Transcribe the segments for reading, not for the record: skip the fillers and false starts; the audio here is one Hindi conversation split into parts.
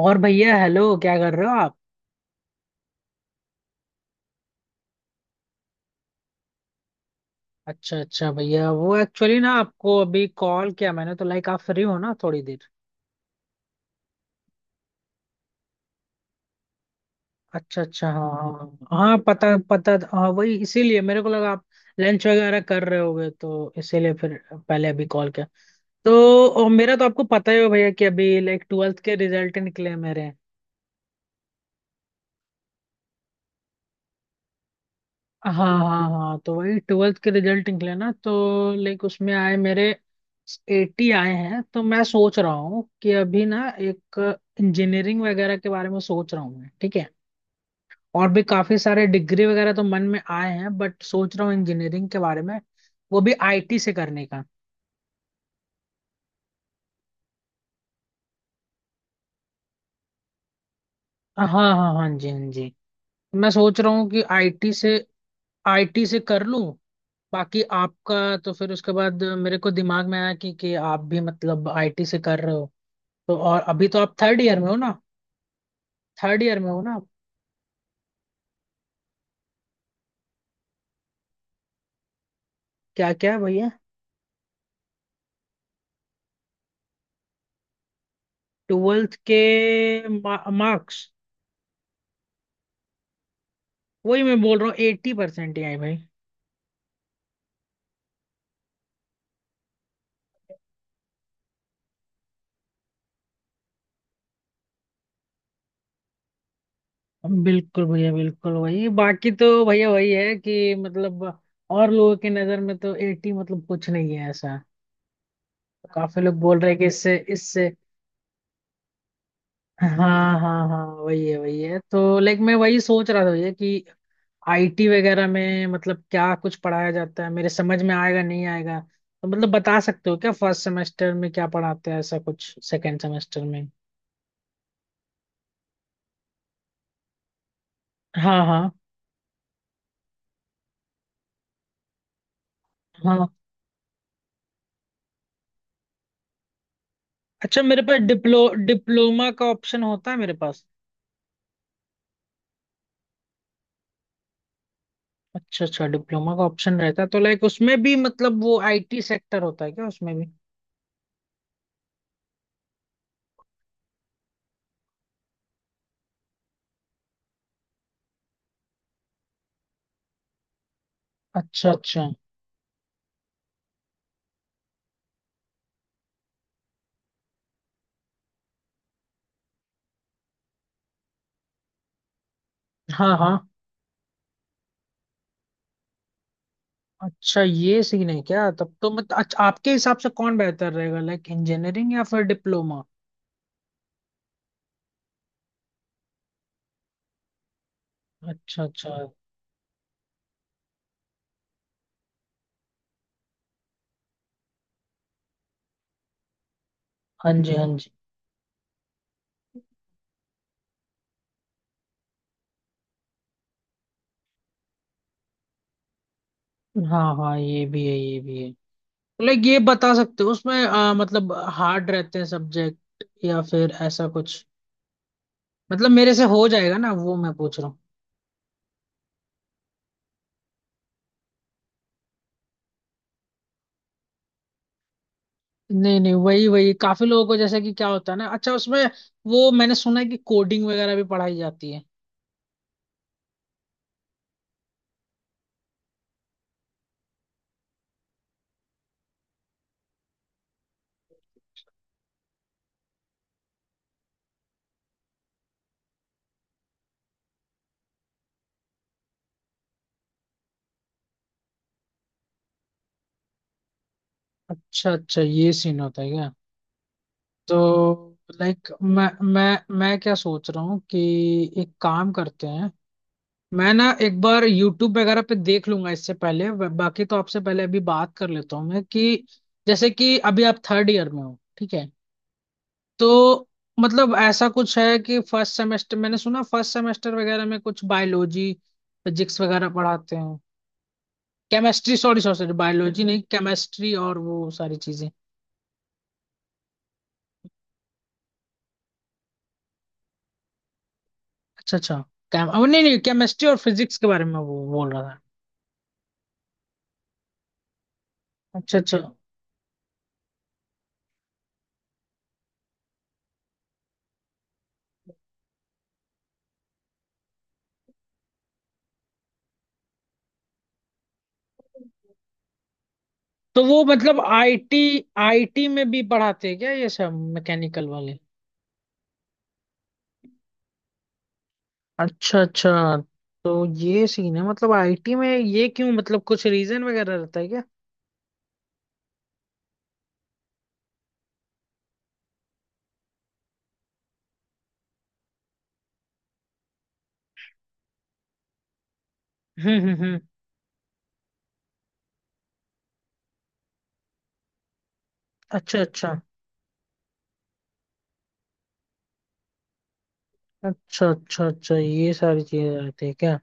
और भैया हेलो, क्या कर रहे हो आप? अच्छा अच्छा भैया, वो एक्चुअली ना आपको अभी कॉल किया मैंने, तो लाइक आप फ्री हो ना थोड़ी देर? अच्छा अच्छा, हाँ। हाँ हाँ, पता पता था, हाँ वही इसीलिए मेरे को लगा आप लंच वगैरह कर रहे होगे, तो इसीलिए फिर पहले अभी कॉल किया। तो मेरा तो आपको पता ही हो भैया कि अभी लाइक ट्वेल्थ के रिजल्ट निकले हैं मेरे। हाँ हाँ हाँ, तो वही ट्वेल्थ के रिजल्ट निकले ना, तो लाइक उसमें आए मेरे एटी आए हैं, तो मैं सोच रहा हूँ कि अभी ना एक इंजीनियरिंग वगैरह के बारे में सोच रहा हूँ मैं, ठीक है। और भी काफी सारे डिग्री वगैरह तो मन में आए हैं, बट सोच रहा हूँ इंजीनियरिंग के बारे में, वो भी आईटी से करने का। हाँ हाँ, हाँ जी, हाँ जी। मैं सोच रहा हूँ कि आईटी से कर लूँ। बाकी आपका, तो फिर उसके बाद मेरे को दिमाग में आया कि आप भी मतलब आईटी से कर रहे हो, तो और अभी तो आप थर्ड ईयर में हो ना, थर्ड ईयर में हो ना आप? क्या क्या है भैया? ट्वेल्थ के मार्क्स, वही मैं बोल रहा हूँ, एट्टी परसेंट ही आए भाई। बिल्कुल भैया बिल्कुल, वही बाकी तो भैया वही है कि मतलब और लोगों की नजर में तो एट्टी मतलब कुछ नहीं है ऐसा, काफी लोग बोल रहे हैं कि इससे इससे। हाँ हाँ हाँ, वही है वही है, तो लाइक मैं वही सोच रहा था भैया कि आईटी वगैरह में मतलब क्या कुछ पढ़ाया जाता है, मेरे समझ में आएगा, नहीं आएगा? तो मतलब बता सकते हो क्या फर्स्ट सेमेस्टर में क्या पढ़ाते हैं, ऐसा कुछ सेकंड सेमेस्टर में? हाँ हाँ हाँ। अच्छा, मेरे पास डिप्लोमा का ऑप्शन होता है मेरे पास? अच्छा अच्छा, डिप्लोमा का ऑप्शन रहता है, तो लाइक उसमें भी मतलब वो आईटी सेक्टर होता है क्या उसमें भी? अच्छा अच्छा। हाँ हाँ। अच्छा, ये सीन है क्या? तब तो मतलब अच्छा, आपके हिसाब से कौन बेहतर रहेगा, लाइक इंजीनियरिंग या फिर डिप्लोमा? अच्छा अच्छा। हाँ जी, हाँ जी। हाँ हाँ, ये भी है ये भी है। लाइक ये बता सकते हो उसमें मतलब हार्ड रहते हैं सब्जेक्ट या फिर ऐसा कुछ? मतलब मेरे से हो जाएगा ना, वो मैं पूछ रहा हूँ। नहीं नहीं, वही वही, काफी लोगों को जैसे कि क्या होता है ना, अच्छा उसमें वो मैंने सुना है कि कोडिंग वगैरह भी पढ़ाई जाती है। अच्छा अच्छा, ये सीन होता है क्या? तो लाइक मैं क्या सोच रहा हूँ कि एक काम करते हैं, मैं ना एक बार YouTube वगैरह पे देख लूंगा, इससे पहले बाकी तो आपसे पहले अभी बात कर लेता हूँ मैं, कि जैसे कि अभी आप थर्ड ईयर में हो, ठीक है तो मतलब ऐसा कुछ है कि फर्स्ट सेमेस्टर, मैंने सुना फर्स्ट सेमेस्टर वगैरह में कुछ बायोलॉजी, फिजिक्स वगैरह पढ़ाते हैं, chemistry, sorry sorry sorry, biology नहीं, केमिस्ट्री, और वो सारी चीजें। अच्छा अच्छा। केम अब नहीं नहीं, केमिस्ट्री और फिजिक्स के बारे में वो बोल रहा था। अच्छा अच्छा। तो वो मतलब आईटी आईटी में भी पढ़ाते हैं क्या ये सब मैकेनिकल वाले? अच्छा अच्छा। तो ये सीन है, मतलब आईटी में ये क्यों, मतलब कुछ रीजन वगैरह रहता है क्या? हम्म। अच्छा अच्छा अच्छा। अच्छा अच्छा, ये सारी चीजें रहती है क्या?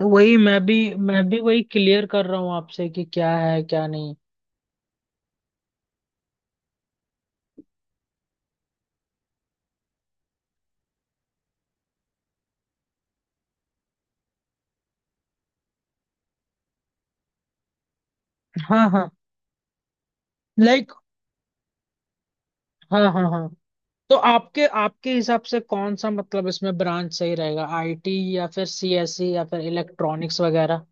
तो वही मैं भी वही क्लियर कर रहा हूँ आपसे कि क्या है क्या नहीं। हाँ हाँ, लाइक, हाँ हाँ हाँ। तो आपके आपके हिसाब से कौन सा मतलब इसमें ब्रांच सही रहेगा, आईटी या फिर सीएसई या फिर इलेक्ट्रॉनिक्स वगैरह?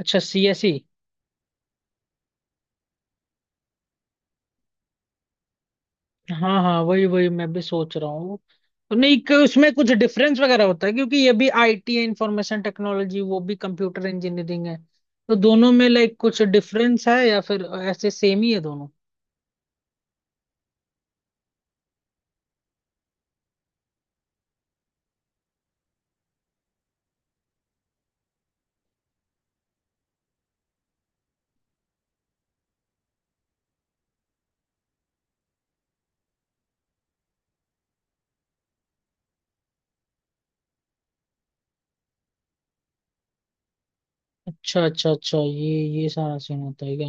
अच्छा सीएसई। हाँ हाँ, वही वही मैं भी सोच रहा हूँ। नहीं, कि उसमें कुछ डिफरेंस वगैरह होता है क्योंकि ये भी आईटी है, इंफॉर्मेशन टेक्नोलॉजी, वो भी कंप्यूटर इंजीनियरिंग है, तो दोनों में लाइक कुछ डिफरेंस है या फिर ऐसे सेम ही है दोनों? अच्छा अच्छा अच्छा, ये सारा सीन होता है क्या?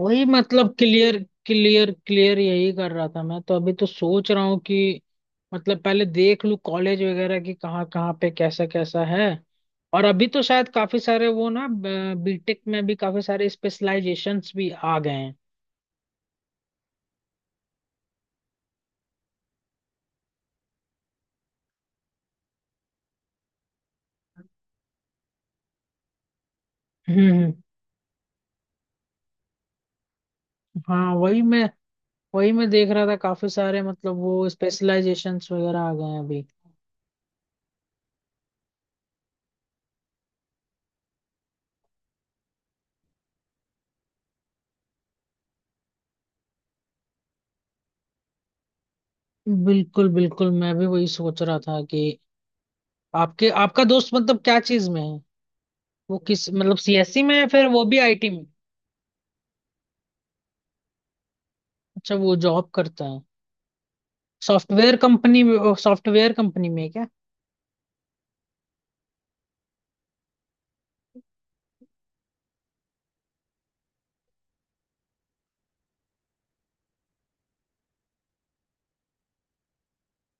वही मतलब, क्लियर क्लियर क्लियर, यही कर रहा था मैं। तो अभी तो सोच रहा हूँ कि मतलब पहले देख लूँ कॉलेज वगैरह की, कहाँ कहाँ पे कैसा कैसा है, और अभी तो शायद काफी सारे वो ना, बीटेक में भी काफी सारे स्पेशलाइजेशंस भी आ गए हैं। हम्म हम्म। हाँ, वही मैं देख रहा था, काफी सारे मतलब वो स्पेशलाइजेशंस वगैरह आ गए हैं अभी। बिल्कुल बिल्कुल, मैं भी वही सोच रहा था कि आपके आपका दोस्त मतलब क्या चीज में है, वो किस मतलब सीएससी में है फिर वो भी आईटी में? अच्छा, वो जॉब करता है सॉफ्टवेयर कंपनी में है क्या?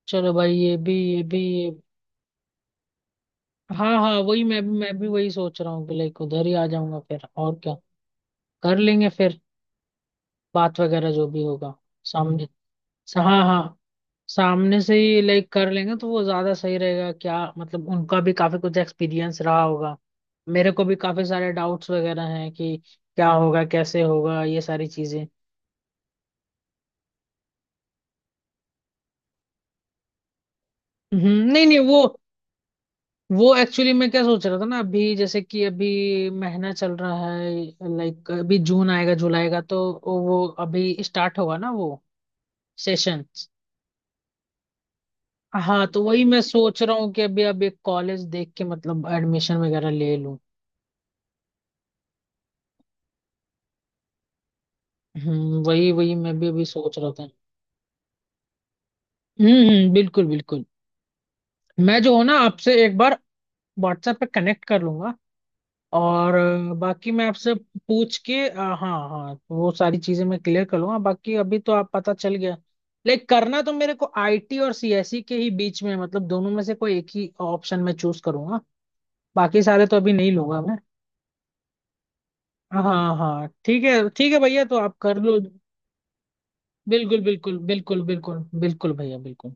चलो भाई, ये भी ये भी ये। हाँ हाँ, वही मैं भी वही सोच रहा हूँ कि लाइक उधर ही आ जाऊंगा फिर और क्या, कर लेंगे फिर, बात वगैरह जो भी होगा सामने। हाँ हाँ, सामने से ही लाइक कर लेंगे तो वो ज्यादा सही रहेगा क्या, मतलब उनका भी काफी कुछ एक्सपीरियंस रहा होगा, मेरे को भी काफी सारे डाउट्स वगैरह हैं कि क्या होगा, कैसे होगा, ये सारी चीजें। हम्म, नहीं नहीं। वो एक्चुअली मैं क्या सोच रहा था ना, अभी जैसे कि अभी महीना चल रहा है, लाइक अभी जून आएगा जुलाई का, तो वो अभी स्टार्ट होगा ना वो सेशन। हाँ, तो वही मैं सोच रहा हूँ कि अभी अब एक कॉलेज देख के मतलब एडमिशन वगैरह ले लूँ। हम्म, वही वही मैं भी अभी सोच रहा था। बिल्कुल बिल्कुल। मैं जो हूँ ना, आपसे एक बार व्हाट्सएप पे कनेक्ट कर लूंगा, और बाकी मैं आपसे पूछ के हाँ, हाँ, वो सारी चीजें मैं क्लियर कर लूंगा। बाकी अभी तो आप पता चल गया, लाइक करना तो मेरे को आईटी और सीएसई के ही बीच में है, मतलब दोनों में से कोई एक ही ऑप्शन मैं चूज करूंगा, बाकी सारे तो अभी नहीं लूंगा मैं। हाँ हाँ, ठीक है भैया, तो आप कर लो। बिल्कुल बिल्कुल बिल्कुल बिल्कुल बिल्कुल भैया बिल्कुल।